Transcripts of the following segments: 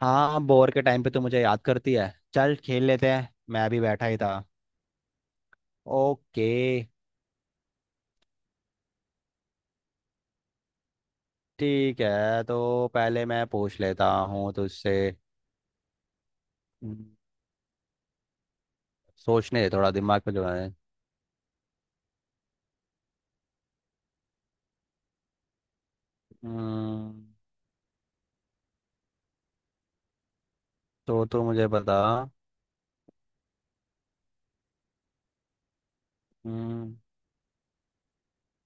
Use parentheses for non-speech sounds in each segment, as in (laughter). हाँ बोर के टाइम पे तो मुझे याद करती है। चल खेल लेते हैं मैं भी बैठा ही था। ओके। ठीक है तो पहले मैं पूछ लेता हूँ तुझसे। हम्म, सोचने दे थोड़ा दिमाग पे जो है। हम्म, तो तू मुझे बता। हम्म,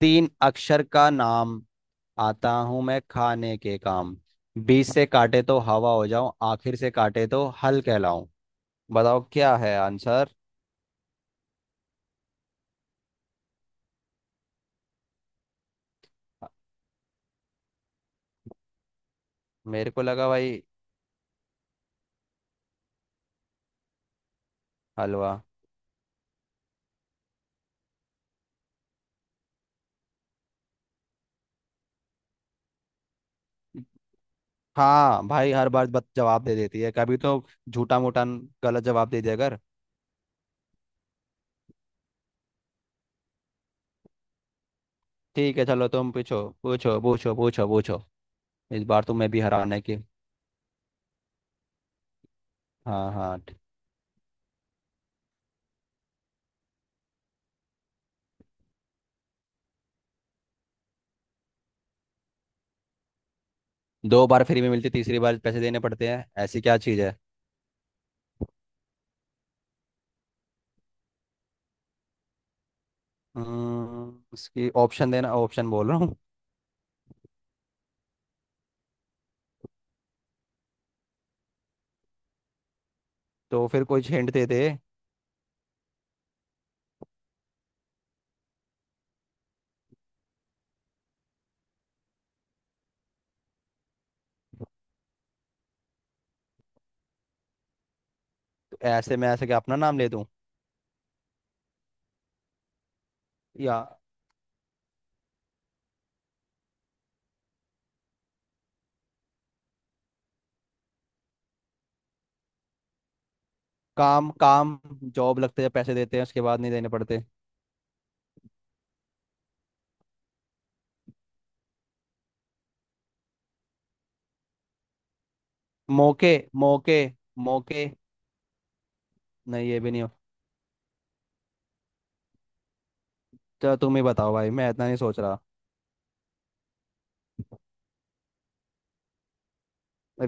तीन अक्षर का नाम, आता हूँ मैं खाने के काम। बीच से काटे तो हवा हो जाऊं, आखिर से काटे तो हल कहलाऊं। बताओ क्या है आंसर। मेरे को लगा भाई हलवा। हाँ भाई हर बार बस जवाब दे देती है कभी तो, झूठा मूठा गलत जवाब दे दिया कर। ठीक है चलो तुम पूछो पूछो पूछो पूछो पूछो। इस बार तुम्हें भी हराने की। हाँ हाँ 2 बार फ्री में मिलती, तीसरी बार पैसे देने पड़ते हैं, ऐसी क्या चीज़ है। उसकी ऑप्शन देना, ऑप्शन बोल रहा हूँ। तो फिर कोई हिंट दे दे। तो ऐसे मैं ऐसे क्या अपना नाम ले दूँ, या काम काम, जॉब लगते हैं पैसे देते हैं उसके बाद नहीं देने पड़ते। मौके मौके मौके। नहीं ये भी नहीं हो। चलो तुम ही बताओ भाई, मैं इतना नहीं सोच रहा।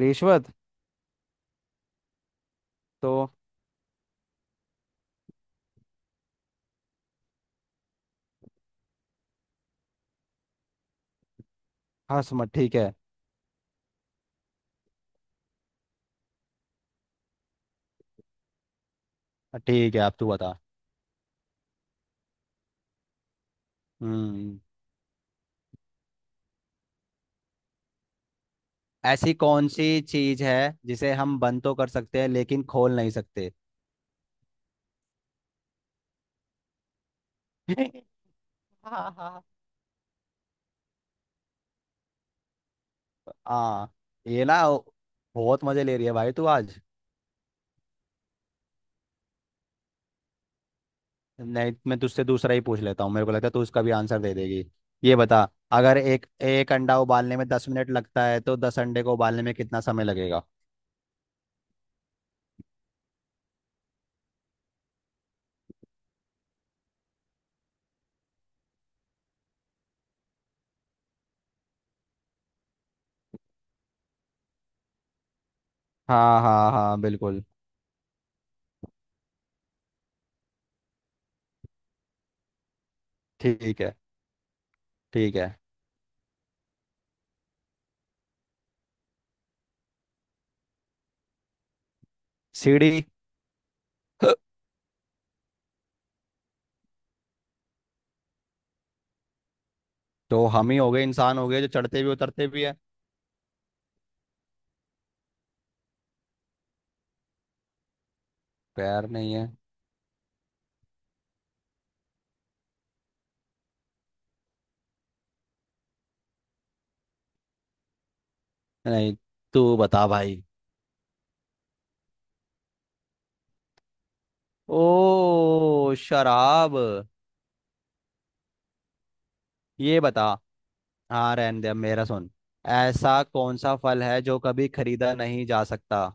रिश्वत। तो हाँ समझ, ठीक है। ठीक है अब तू बता। हम्म ऐसी कौन सी चीज है जिसे हम बंद तो कर सकते हैं लेकिन खोल नहीं सकते। (laughs) हाँ हाँ हाँ, ये ना बहुत मजे ले रही है भाई तू आज। नहीं मैं तुझसे दूसरा ही पूछ लेता हूँ, मेरे को लगता है तू उसका भी आंसर दे देगी। ये बता, अगर एक एक अंडा उबालने में 10 मिनट लगता है तो 10 अंडे को उबालने में कितना समय लगेगा। हाँ हाँ हाँ बिल्कुल। ठीक है। ठीक है। सीढ़ी। तो हम ही हो गए, इंसान हो गए जो चढ़ते भी उतरते भी है। पैर नहीं है। नहीं, तू बता भाई। ओ शराब। ये बता। हाँ रहने दे, अब मेरा सुन। ऐसा कौन सा फल है जो कभी खरीदा नहीं जा सकता।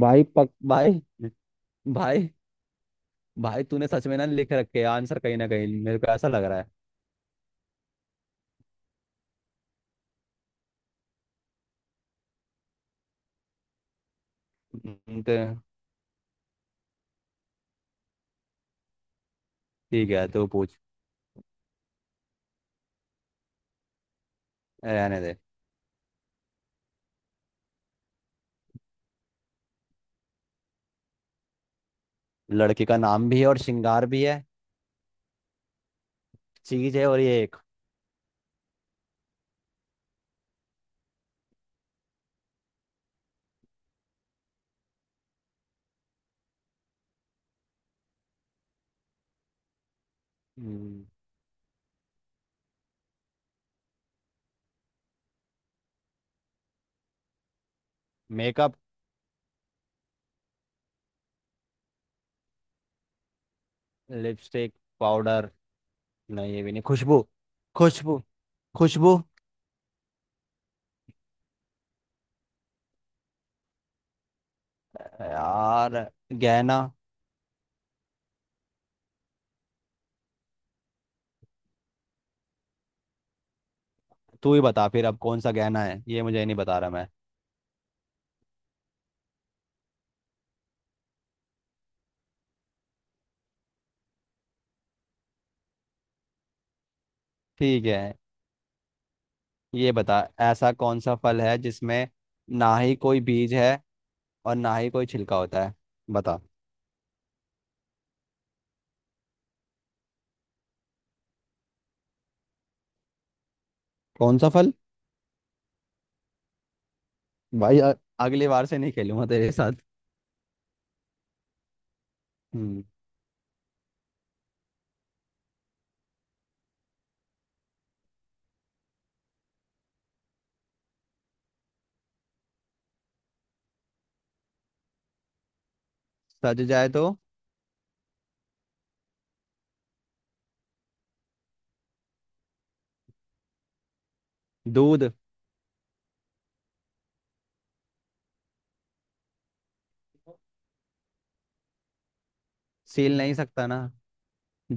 भाई पक भाई। भाई भाई तूने सच में ना लिख रखे आंसर कहीं ना कहीं, मेरे को ऐसा लग रहा है। तो ठीक है तू पूछ। रहने दे। लड़की का नाम भी है और श्रृंगार भी है। चीज है और ये एक। हम्म, मेकअप। लिपस्टिक। पाउडर। नहीं ये भी नहीं, खुशबू खुशबू खुशबू। यार गहना। तू ही बता फिर अब कौन सा गहना है, ये मुझे नहीं बता रहा मैं। ठीक है। ये बता, ऐसा कौन सा फल है जिसमें ना ही कोई बीज है और ना ही कोई छिलका होता है। बता। कौन सा फल। भाई अगली बार से नहीं खेलूंगा तेरे साथ। हम्म। सज जाए तो। दूध। सील नहीं सकता ना।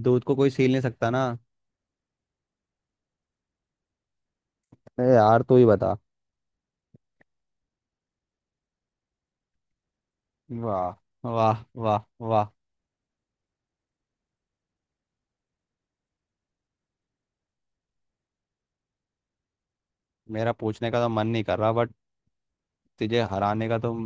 दूध को कोई सील नहीं सकता ना। ए यार तू ही बता। वाह वाह वाह। वाह। मेरा पूछने का तो मन नहीं कर रहा बट, तुझे हराने का तुम।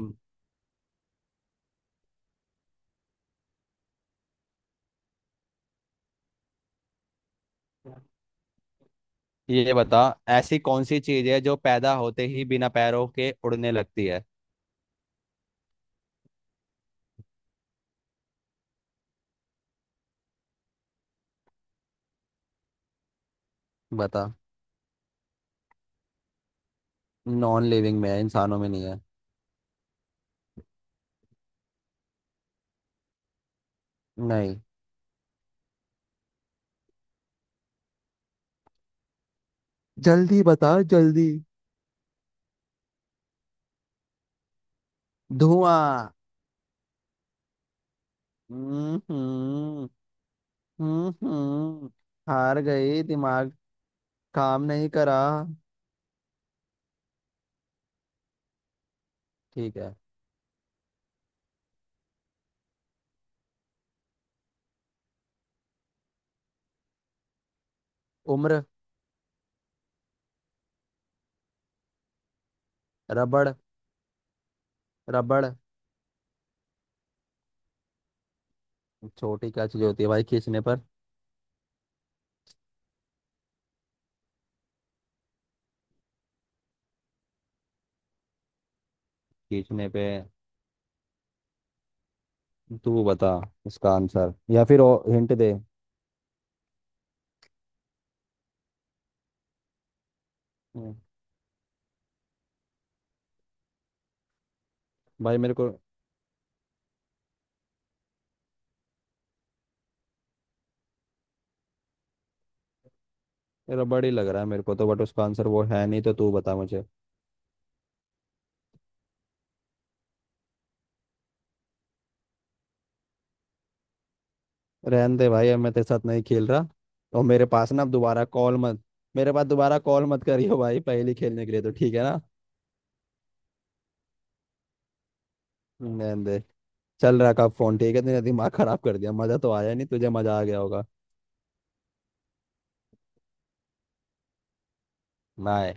ये बता, ऐसी कौन सी चीज है जो पैदा होते ही बिना पैरों के उड़ने लगती है। बता। नॉन लिविंग में है, इंसानों में नहीं है। नहीं। जल्दी बता जल्दी। धुआं। हम्म। हम्म। हम्म। हार गई दिमाग। काम नहीं करा। ठीक है। उम्र। रबड़। रबड़। छोटी क्या चीज होती है भाई खींचने पर। खींचने पे तू बता इसका आंसर, या फिर हिंट दे। हम्म, भाई मेरे को रबड़ ही लग रहा है मेरे को तो, बट उसका आंसर वो है नहीं तो तू बता मुझे। रहने दे भाई अब मैं तेरे साथ नहीं खेल रहा। और मेरे पास ना अब दोबारा कॉल मत। मेरे पास दोबारा कॉल मत करियो भाई, पहली खेलने के लिए तो ठीक है ना। रहने दे। चल रहा का फोन, ठीक है तेरा दिमाग खराब कर दिया, मजा तो आया नहीं तुझे, मजा आ गया होगा। बाय।